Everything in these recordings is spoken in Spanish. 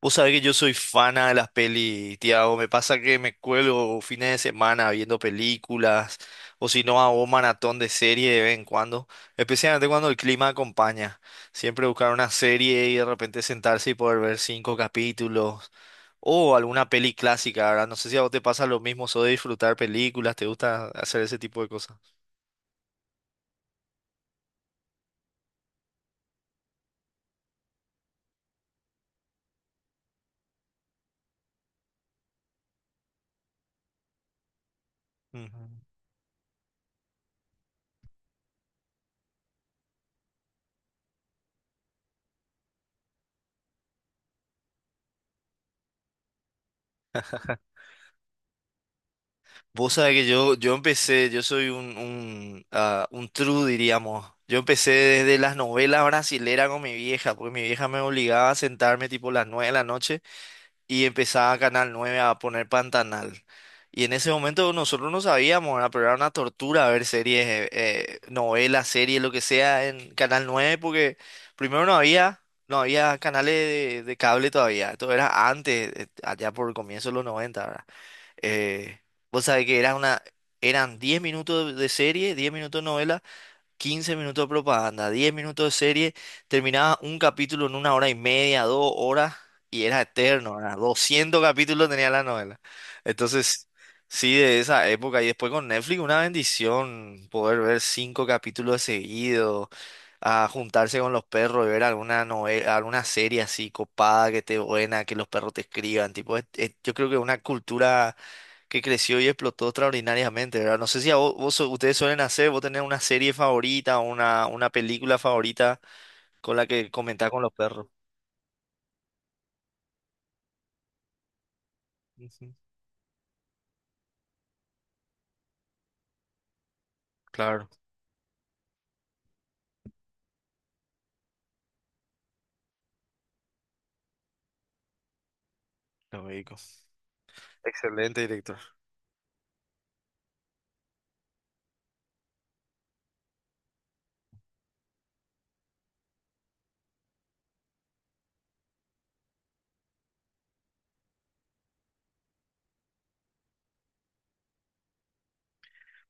Vos sabés que yo soy fana de las pelis, Tiago. Me pasa que me cuelgo fines de semana viendo películas, o si no, hago maratón de serie de vez en cuando, especialmente cuando el clima acompaña. Siempre buscar una serie y de repente sentarse y poder ver cinco capítulos, o alguna peli clásica, ¿verdad? No sé si a vos te pasa lo mismo, o de disfrutar películas, te gusta hacer ese tipo de cosas. Ujú. Vos sabés que yo soy un true, diríamos. Yo empecé desde las novelas brasileras con mi vieja, porque mi vieja me obligaba a sentarme tipo las 9 de la noche y empezaba Canal 9 a poner Pantanal. Y en ese momento nosotros no sabíamos, ¿verdad? Pero era una tortura ver series, novelas, series, lo que sea en Canal 9 porque primero no había canales de cable todavía. Esto era antes, allá por el comienzo de los 90, eh, vos sabés que eran 10 minutos de serie, 10 minutos de novela, 15 minutos de propaganda, 10 minutos de serie. Terminaba un capítulo en una hora y media, 2 horas, y era eterno, era 200 capítulos tenía la novela. Entonces, sí, de esa época, y después con Netflix, una bendición poder ver cinco capítulos seguidos, a juntarse con los perros y ver alguna novela, alguna serie así copada, que esté buena, que los perros te escriban, tipo, yo creo que una cultura que creció y explotó extraordinariamente, ¿verdad? No sé si a vos, ustedes suelen hacer, vos tenés una serie favorita, una película favorita con la que comentás con los perros. Ujú, claro, lógico. Excelente director.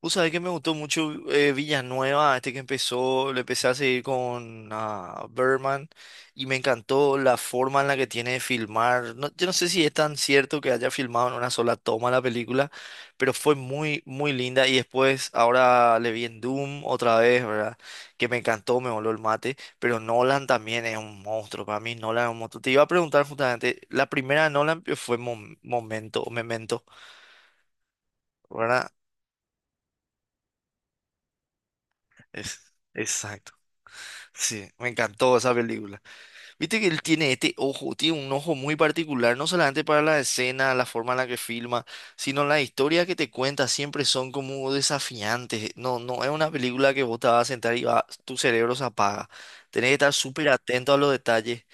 Vos sabés que me gustó mucho, Villanueva, este que empezó, le empecé a seguir con, Birdman, y me encantó la forma en la que tiene de filmar. Yo no sé si es tan cierto que haya filmado en una sola toma la película, pero fue muy, muy linda. Y después, ahora le vi en Doom otra vez, ¿verdad? Que me encantó, me voló el mate. Pero Nolan también es un monstruo, para mí Nolan es un monstruo. Te iba a preguntar justamente, la primera de Nolan fue Momento, o Memento, ¿verdad? Es, exacto. Sí, me encantó esa película. Viste que él tiene este ojo, tiene un ojo muy particular, no solamente para la escena, la forma en la que filma, sino las historias que te cuenta siempre son como desafiantes. No, no es una película que vos te vas a sentar y tu cerebro se apaga. Tenés que estar súper atento a los detalles.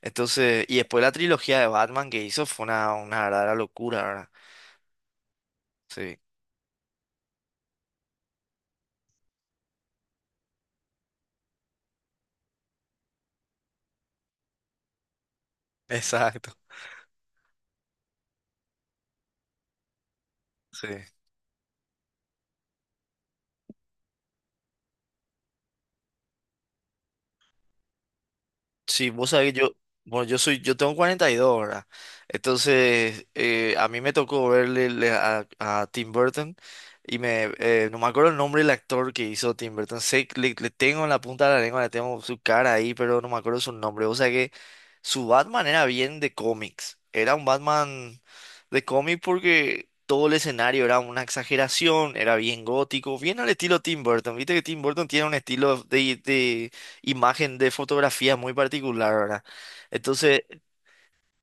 Entonces, y después la trilogía de Batman que hizo fue una verdadera locura, ¿verdad? Sí, exacto. Sí. Sí, vos sabés, bueno, yo tengo 42 ahora. Entonces, a mí me tocó verle a Tim Burton, y no me acuerdo el nombre del actor que hizo Tim Burton. Sé que le tengo en la punta de la lengua, le tengo su cara ahí, pero no me acuerdo su nombre. O sea que su Batman era bien de cómics. Era un Batman de cómic porque todo el escenario era una exageración, era bien gótico, bien al estilo Tim Burton. Viste que Tim Burton tiene un estilo de imagen de fotografía muy particular, ¿verdad? Entonces,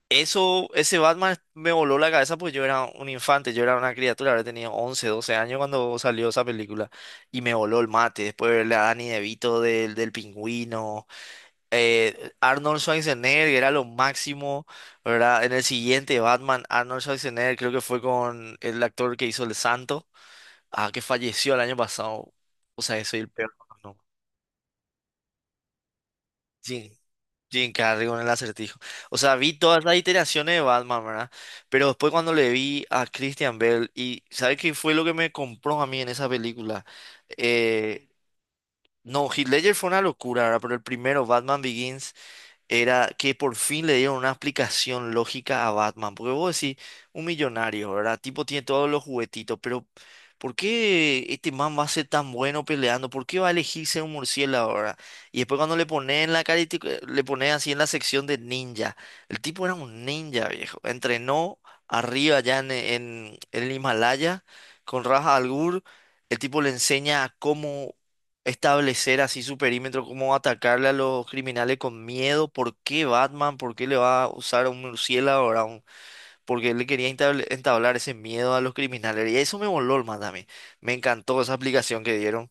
ese Batman me voló la cabeza porque yo era un infante, yo era una criatura. Ahora tenía 11, 12 años cuando salió esa película y me voló el mate. Después de verle a Danny DeVito del Pingüino, Arnold Schwarzenegger era lo máximo, ¿verdad? En el siguiente Batman, Arnold Schwarzenegger creo que fue con el actor que hizo El Santo, que falleció el año pasado. O sea, soy el peor, ¿no? Sí. Jim Carrey con el acertijo. O sea, vi todas las iteraciones de Batman, ¿verdad? Pero después cuando le vi a Christian Bale, ¿y sabes qué fue lo que me compró a mí en esa película? Eh, no, Heath Ledger fue una locura, ¿verdad? Pero el primero, Batman Begins, era que por fin le dieron una explicación lógica a Batman. Porque vos decís, un millonario, ¿verdad? Tipo tiene todos los juguetitos, pero ¿por qué este man va a ser tan bueno peleando? ¿Por qué va a elegirse un murciélago, ¿verdad? Y después cuando le ponen en la cara, le ponen así en la sección de ninja. El tipo era un ninja, viejo. Entrenó arriba allá en el Himalaya con Raja al Ghul. El tipo le enseña cómo establecer así su perímetro, cómo atacarle a los criminales con miedo. ¿Por qué Batman? ¿Por qué le va a usar a un murciélago? ¿Ahora? Un... Porque él le quería entablar ese miedo a los criminales. Y eso me voló el más a mí. Me encantó esa aplicación que dieron.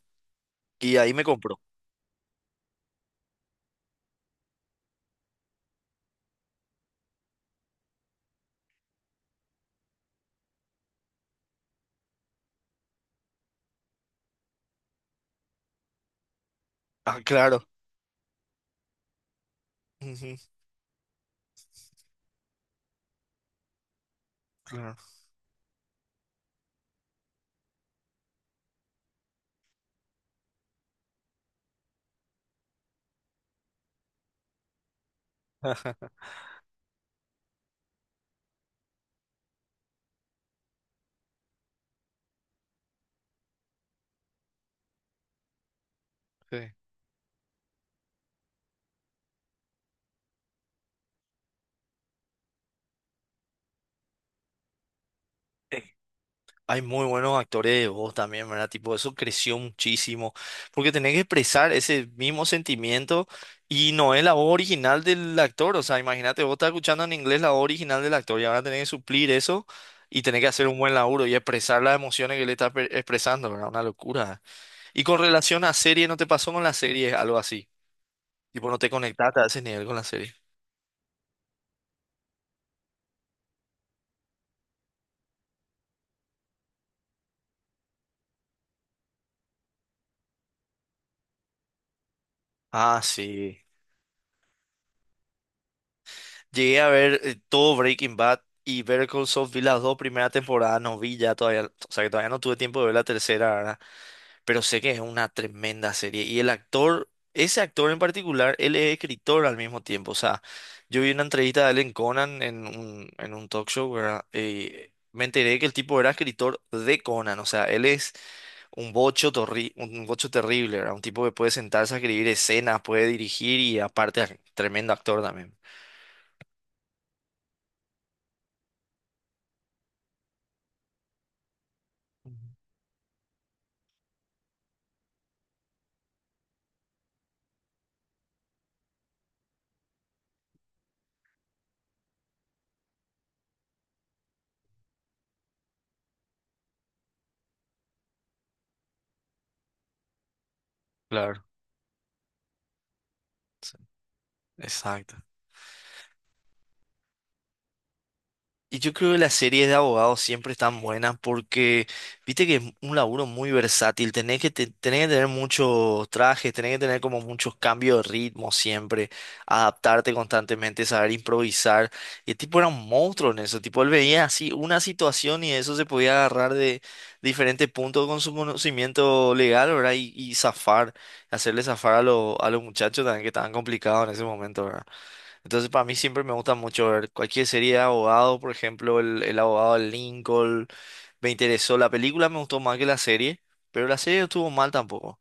Y ahí me compró. Ah, claro. Ujú, claro. Sí. Hay muy buenos actores de voz también, ¿verdad? Tipo, eso creció muchísimo. Porque tenés que expresar ese mismo sentimiento y no es la voz original del actor. O sea, imagínate, vos estás escuchando en inglés la voz original del actor y ahora tenés que suplir eso y tenés que hacer un buen laburo y expresar las emociones que le estás expresando, ¿verdad? Una locura. Y con relación a serie, ¿no te pasó con la serie algo así? Tipo, no te conectaste a ese nivel con la serie. Ah, sí. Llegué a ver, todo Breaking Bad, y Better Call Saul vi las dos primeras temporadas, no vi ya todavía, o sea que todavía no tuve tiempo de ver la tercera, ¿verdad? Pero sé que es una tremenda serie. Y el actor, ese actor en particular, él es escritor al mismo tiempo. O sea, yo vi una entrevista de él en Conan, en un talk show, ¿verdad? Me enteré que el tipo era escritor de Conan, o sea, él es un bocho terrible, ¿verdad? Un tipo que puede sentarse a escribir escenas, puede dirigir y aparte tremendo actor también. Claro. Exacto. Y yo creo que las series de abogados siempre están buenas porque viste que es un laburo muy versátil. Tenés que tener muchos trajes, tenés que tener como muchos cambios de ritmo siempre, adaptarte constantemente, saber improvisar. Y el tipo era un monstruo en eso. Tipo, él veía así una situación y eso se podía agarrar de diferentes puntos con su conocimiento legal, ¿verdad? Y zafar, hacerle zafar a los muchachos también que estaban complicados en ese momento, ¿verdad? Entonces, para mí siempre me gusta mucho ver cualquier serie de abogado, por ejemplo, el abogado de Lincoln. Me interesó. La película me gustó más que la serie, pero la serie no estuvo mal tampoco.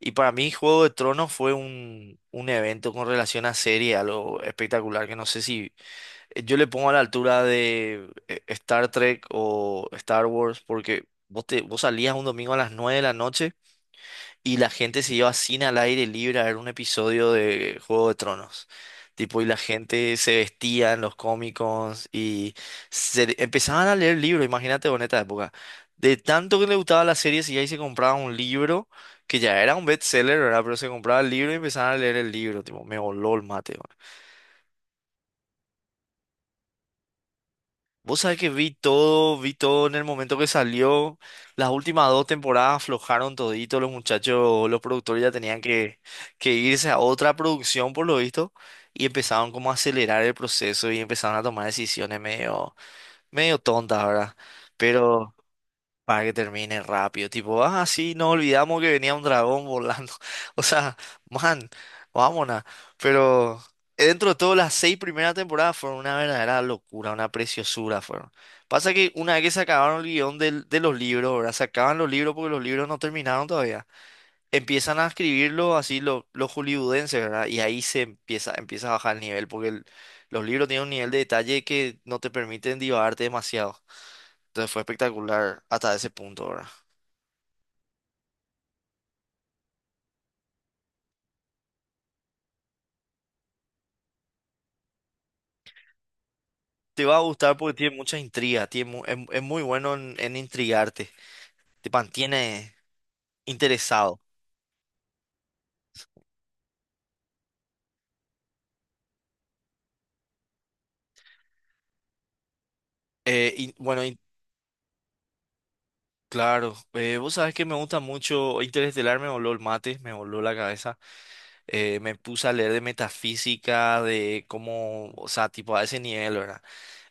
Y para mí, Juego de Tronos fue un evento con relación a serie, algo espectacular. Que no sé si, yo le pongo a la altura de, Star Trek o Star Wars, porque vos salías un domingo a las 9 de la noche y la gente se iba a cine al aire libre a ver un episodio de Juego de Tronos. Tipo, y la gente se vestía en los cómicos y empezaban a leer libros, imagínate, en esta época. De tanto que le gustaba la serie, si ahí se compraba un libro, que ya era un bestseller, ¿verdad? Pero se compraba el libro y empezaban a leer el libro, tipo, me voló el mate. Vos sabés que vi todo en el momento que salió. Las últimas dos temporadas aflojaron todito. Los muchachos, los productores ya tenían que irse a otra producción por lo visto y empezaron como a acelerar el proceso y empezaron a tomar decisiones medio tontas, ¿verdad? Pero para que termine rápido. Tipo, sí, nos olvidamos que venía un dragón volando. O sea, man, vámonos. Pero, dentro de todo, las seis primeras temporadas fueron una verdadera locura, una preciosura fueron. Pasa que una vez que se acabaron el guión de los libros, verdad, se acaban los libros porque los libros no terminaron todavía. Empiezan a escribirlo así los hollywoodenses, ¿verdad? Y ahí empieza a bajar el nivel porque los libros tienen un nivel de detalle que no te permiten divagarte demasiado. Entonces fue espectacular hasta ese punto, ¿verdad? Te va a gustar porque tiene muchas intrigas, tiene es muy bueno en intrigarte, te mantiene interesado. Y, bueno, y claro, vos sabés que me gusta mucho Interestelar, me voló el mate, me voló la cabeza. Me puse a leer de metafísica, de cómo, o sea, tipo a ese nivel, ¿verdad?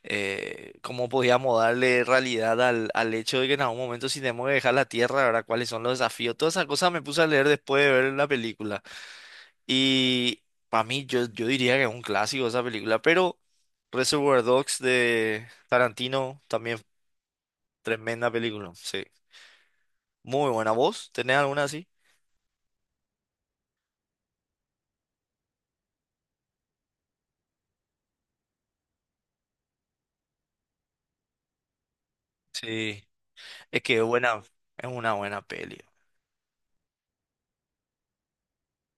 Cómo podíamos darle realidad al hecho de que en algún momento si tenemos que dejar la Tierra, ¿verdad? ¿Cuáles son los desafíos? Todas esas cosas me puse a leer después de ver la película. Y para mí, yo diría que es un clásico esa película, pero Reservoir Dogs de Tarantino también, tremenda película, sí. Muy buena voz, ¿tenés alguna así? Sí, es que es buena, es una buena peli.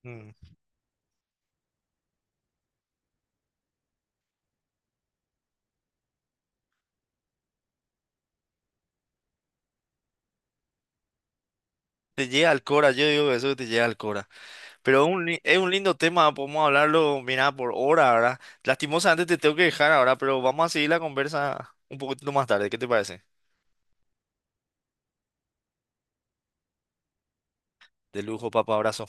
Mm. Te llega al cora, yo digo que eso que te llega al cora. Pero es un lindo tema, podemos hablarlo, mira, por hora, ¿verdad? Lastimosamente te tengo que dejar ahora, pero vamos a seguir la conversa un poquito más tarde, ¿qué te parece? De lujo, papá, abrazo.